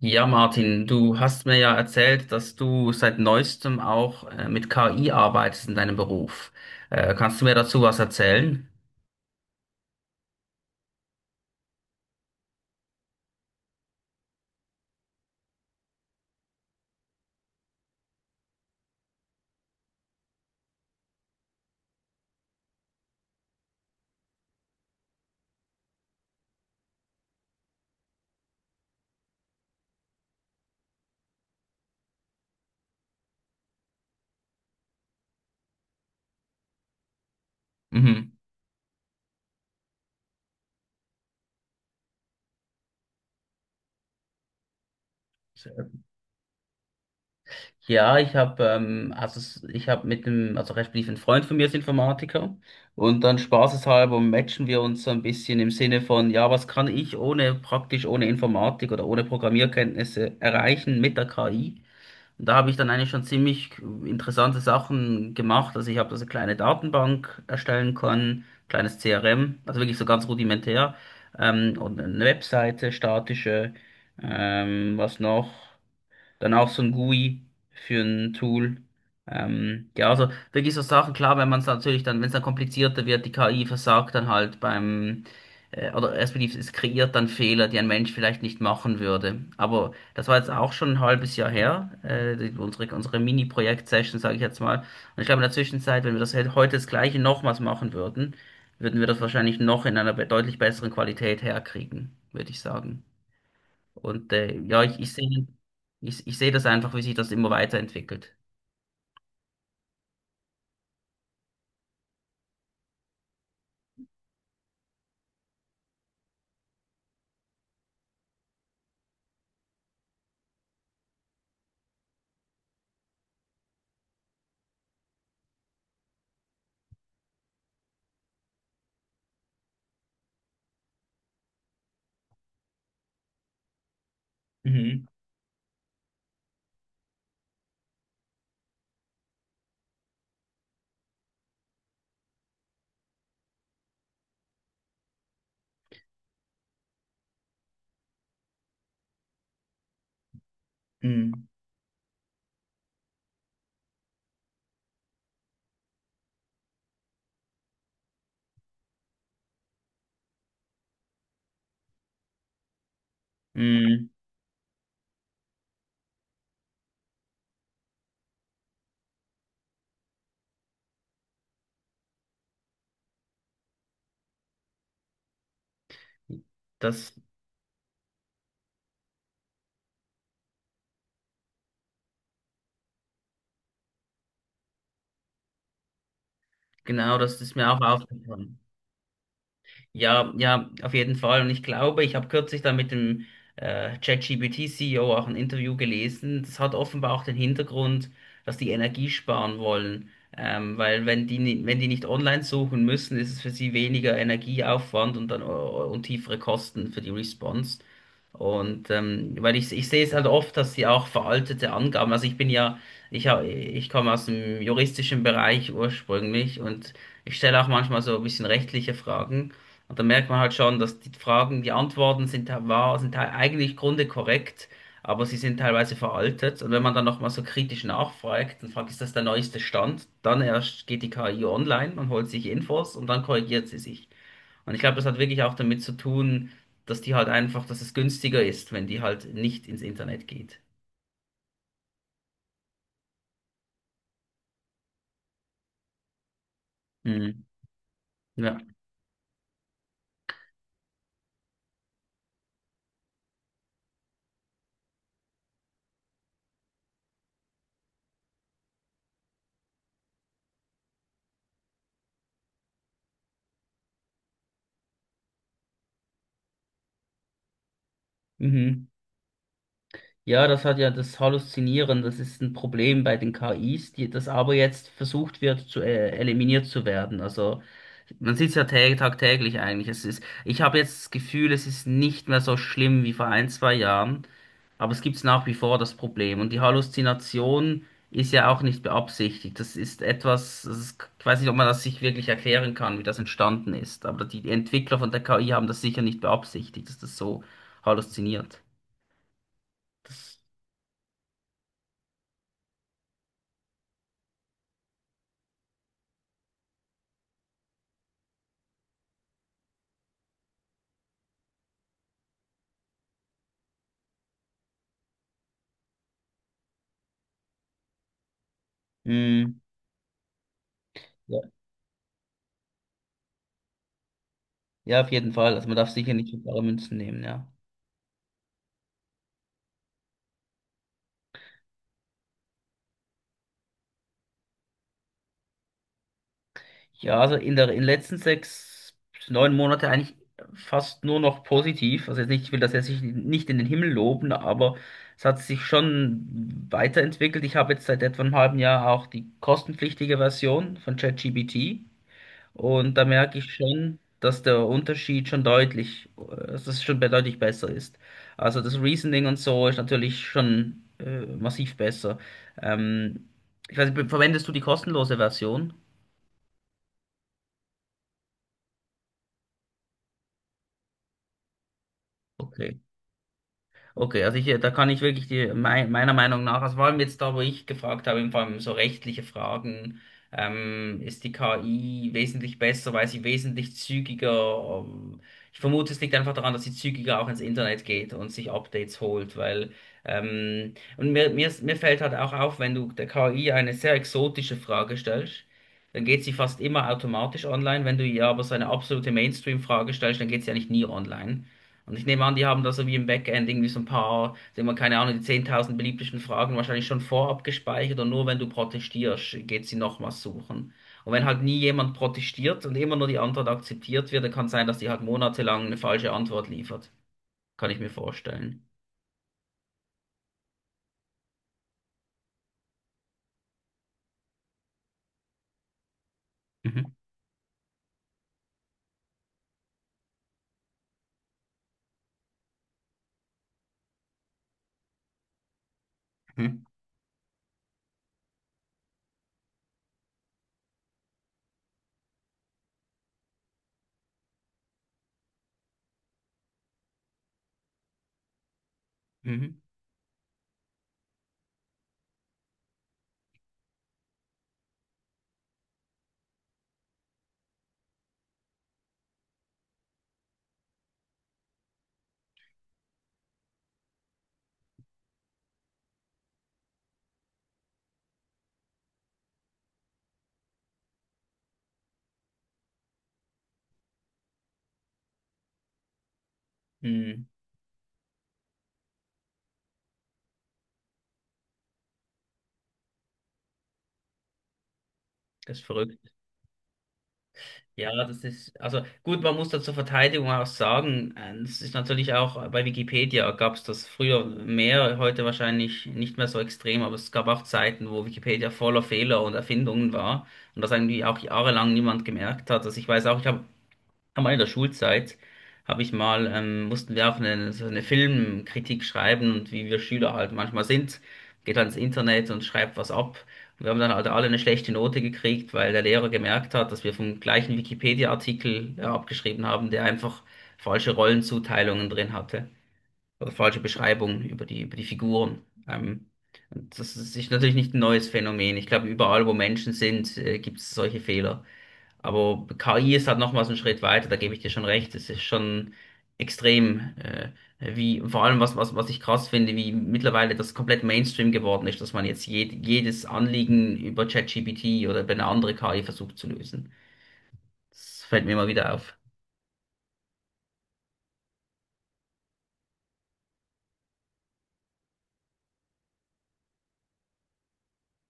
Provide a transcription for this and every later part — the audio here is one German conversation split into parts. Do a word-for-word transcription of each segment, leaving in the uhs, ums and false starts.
Ja, Martin, du hast mir ja erzählt, dass du seit neuestem auch äh, mit K I arbeitest in deinem Beruf. Äh, kannst du mir dazu was erzählen? Mhm. Ja, ich habe ähm, also s- ich habe mit dem, also respektive, ein Freund von mir ist Informatiker, und dann spaßeshalber matchen wir uns so ein bisschen im Sinne von, ja, was kann ich ohne, praktisch ohne Informatik oder ohne Programmierkenntnisse, erreichen mit der K I? Und da habe ich dann eigentlich schon ziemlich interessante Sachen gemacht. Also ich habe da so eine kleine Datenbank erstellen können, kleines C R M, also wirklich so ganz rudimentär. Ähm, und eine Webseite, statische, ähm, was noch? Dann auch so ein gui für ein Tool. Ähm, ja, also wirklich so Sachen. Klar, wenn man es natürlich dann, wenn es dann komplizierter wird, die K I versagt dann halt beim, äh, oder respektive, es kreiert dann Fehler, die ein Mensch vielleicht nicht machen würde. Aber das war jetzt auch schon ein halbes Jahr her, äh, die- unsere, unsere, Mini-Projekt-Session, sage ich jetzt mal. Und ich glaube, in der Zwischenzeit, wenn wir das hätte- heute das Gleiche nochmals machen würden, würden wir das wahrscheinlich noch in einer be- deutlich besseren Qualität herkriegen, würde ich sagen. Und äh, ja, ich, ich sehe ich, ich sehe das einfach, wie sich das immer weiterentwickelt. Mhm. Mhm. Mhm. Das, genau, das ist mir auch aufgefallen. Ja, ja, auf jeden Fall. Und ich glaube, ich habe kürzlich da mit dem äh, ChatGPT-C E O auch ein Interview gelesen. Das hat offenbar auch den Hintergrund, dass die Energie sparen wollen. Ähm, weil wenn die, ni- wenn die nicht online suchen müssen, ist es für sie weniger Energieaufwand und dann äh, und tiefere Kosten für die Response. Und ähm, weil ich, ich sehe es halt oft, dass sie auch veraltete Angaben, also ich bin ja, ich, hab- ich komme aus dem juristischen Bereich ursprünglich, und ich stelle auch manchmal so ein bisschen rechtliche Fragen. Und da merkt man halt schon, dass die Fragen, die Antworten sind, te- wahr, sind te- eigentlich grunde korrekt, aber sie sind teilweise veraltet. Und wenn man dann nochmal so kritisch nachfragt und fragt, ist das der neueste Stand, dann erst geht die K I online und holt sich Infos, und dann korrigiert sie sich. Und ich glaube, das hat wirklich auch damit zu tun, dass die halt einfach, dass es günstiger ist, wenn die halt nicht ins Internet geht. Mhm. Ja. Mhm. Ja, das hat ja das Halluzinieren, das ist ein Problem bei den K Is, die, das aber jetzt versucht wird zu, äh, eliminiert zu werden. Also man sieht es ja tä- tagtäglich eigentlich. Es ist, ich habe jetzt das Gefühl, es ist nicht mehr so schlimm wie vor ein, zwei Jahren, aber es gibt nach wie vor das Problem. Und die Halluzination ist ja auch nicht beabsichtigt. Das ist etwas, das ist, ich weiß nicht, ob man das sich wirklich erklären kann, wie das entstanden ist. Aber die Entwickler von der K I haben das sicher nicht beabsichtigt, dass das so halluziniert. Das, Ja, ja, auf jeden Fall. Also man darf sicher nicht für bare Münzen nehmen, ja. Ja, also in der, in den letzten sechs bis neun Monate, eigentlich fast nur noch positiv. Also jetzt nicht, ich will das jetzt nicht nicht in den Himmel loben, aber es hat sich schon weiterentwickelt. Ich habe jetzt seit etwa einem halben Jahr auch die kostenpflichtige Version von ChatGPT. Und da merke ich schon, dass der Unterschied schon deutlich, äh, dass es schon deutlich besser ist. Also das Reasoning und so ist natürlich schon äh, massiv besser. Ähm, ich weiß nicht, verwendest du die kostenlose Version? Okay. Okay, also ich, äh, da kann ich wirklich die, mei- meiner Meinung nach, also vor allem jetzt da, wo ich gefragt habe, vor allem so rechtliche Fragen, ähm, ist die K I wesentlich besser, weil sie wesentlich zügiger, ähm, ich vermute, es liegt einfach daran, dass sie zügiger auch ins Internet geht und sich Updates holt, weil, ähm, und mir, mir, mir fällt halt auch auf, wenn du der K I eine sehr exotische Frage stellst, dann geht sie fast immer automatisch online. Wenn du ihr aber so eine absolute Mainstream-Frage stellst, dann geht sie eigentlich nie online. Und ich nehme an, die haben da so wie im Backend irgendwie so ein paar, sagen wir, keine Ahnung, die zehntausend beliebtesten Fragen wahrscheinlich schon vorab gespeichert, und nur wenn du protestierst, geht sie nochmals suchen. Und wenn halt nie jemand protestiert und immer nur die Antwort akzeptiert wird, dann kann es sein, dass die halt monatelang eine falsche Antwort liefert. Kann ich mir vorstellen. Mhm. Mhm. Mhm. Hm, das ist verrückt. Ja, das ist, also gut, man muss da zur Verteidigung auch sagen, äh, das ist natürlich auch, äh, bei Wikipedia gab es das früher mehr, heute wahrscheinlich nicht mehr so extrem, aber es gab auch Zeiten, wo Wikipedia voller Fehler und Erfindungen war und das eigentlich auch jahrelang niemand gemerkt hat. Also ich weiß auch, ich habe am Ende der Schulzeit, habe ich mal, ähm, mussten wir auch eine, so eine Filmkritik schreiben, und wie wir Schüler halt manchmal sind, geht halt ins Internet und schreibt was ab. Und wir haben dann halt alle eine schlechte Note gekriegt, weil der Lehrer gemerkt hat, dass wir vom gleichen Wikipedia-Artikel äh, abgeschrieben haben, der einfach falsche Rollenzuteilungen drin hatte oder falsche Beschreibungen über die, über die Figuren. Ähm, und das ist ist natürlich nicht ein neues Phänomen. Ich glaube, überall, wo Menschen sind, äh, gibt es solche Fehler. Aber K I ist halt nochmals einen Schritt weiter, da gebe ich dir schon recht. Es ist schon extrem, äh, wie, vor allem, was, was, was ich krass finde, wie mittlerweile das komplett Mainstream geworden ist, dass man jetzt jed jedes Anliegen über ChatGPT oder über eine andere K I versucht zu lösen. Das fällt mir immer wieder auf.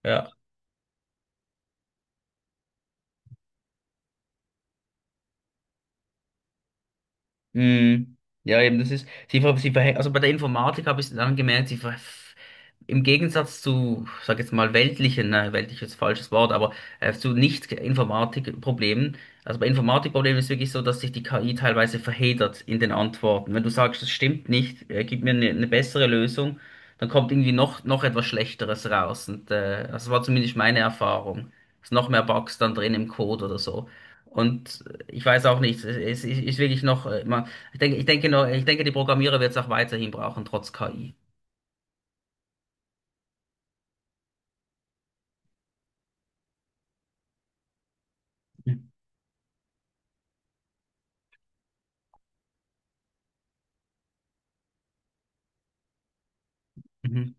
Ja. Mhm. Ja, eben, das ist, sie, ver- sie verhängt, also bei der Informatik habe ich dann gemerkt, sie ver, im Gegensatz zu, sag jetzt mal, weltlichen, ne, weltlich ist ein falsches Wort, aber äh, zu Nicht-Informatik-Problemen, also bei Informatikproblemen ist wirklich so, dass sich die K I teilweise verheddert in den Antworten. Wenn du sagst, das stimmt nicht, äh, gib mir eine, eine bessere Lösung, dann kommt irgendwie noch, noch etwas Schlechteres raus. Und äh, das war zumindest meine Erfahrung. Es noch mehr Bugs dann drin im Code oder so. Und äh, ich weiß auch nicht, es ist, ist wirklich noch, äh, man ich denke, ich denke noch, ich denke, die Programmierer wird es auch weiterhin brauchen, trotz K I. Mhm.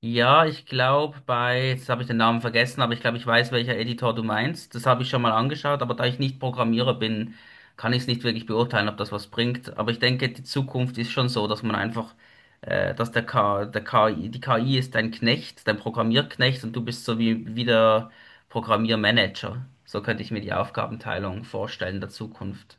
Ja, ich glaube bei, jetzt habe ich den Namen vergessen, aber ich glaube, ich weiß, welcher Editor du meinst. Das habe ich schon mal angeschaut, aber da ich nicht Programmierer bin, kann ich es nicht wirklich beurteilen, ob das was bringt. Aber ich denke, die Zukunft ist schon so, dass man einfach, äh, dass der K, der K I, die K I ist dein Knecht, dein Programmierknecht, und du bist so wie, wie der Programmiermanager. So könnte ich mir die Aufgabenteilung vorstellen der Zukunft.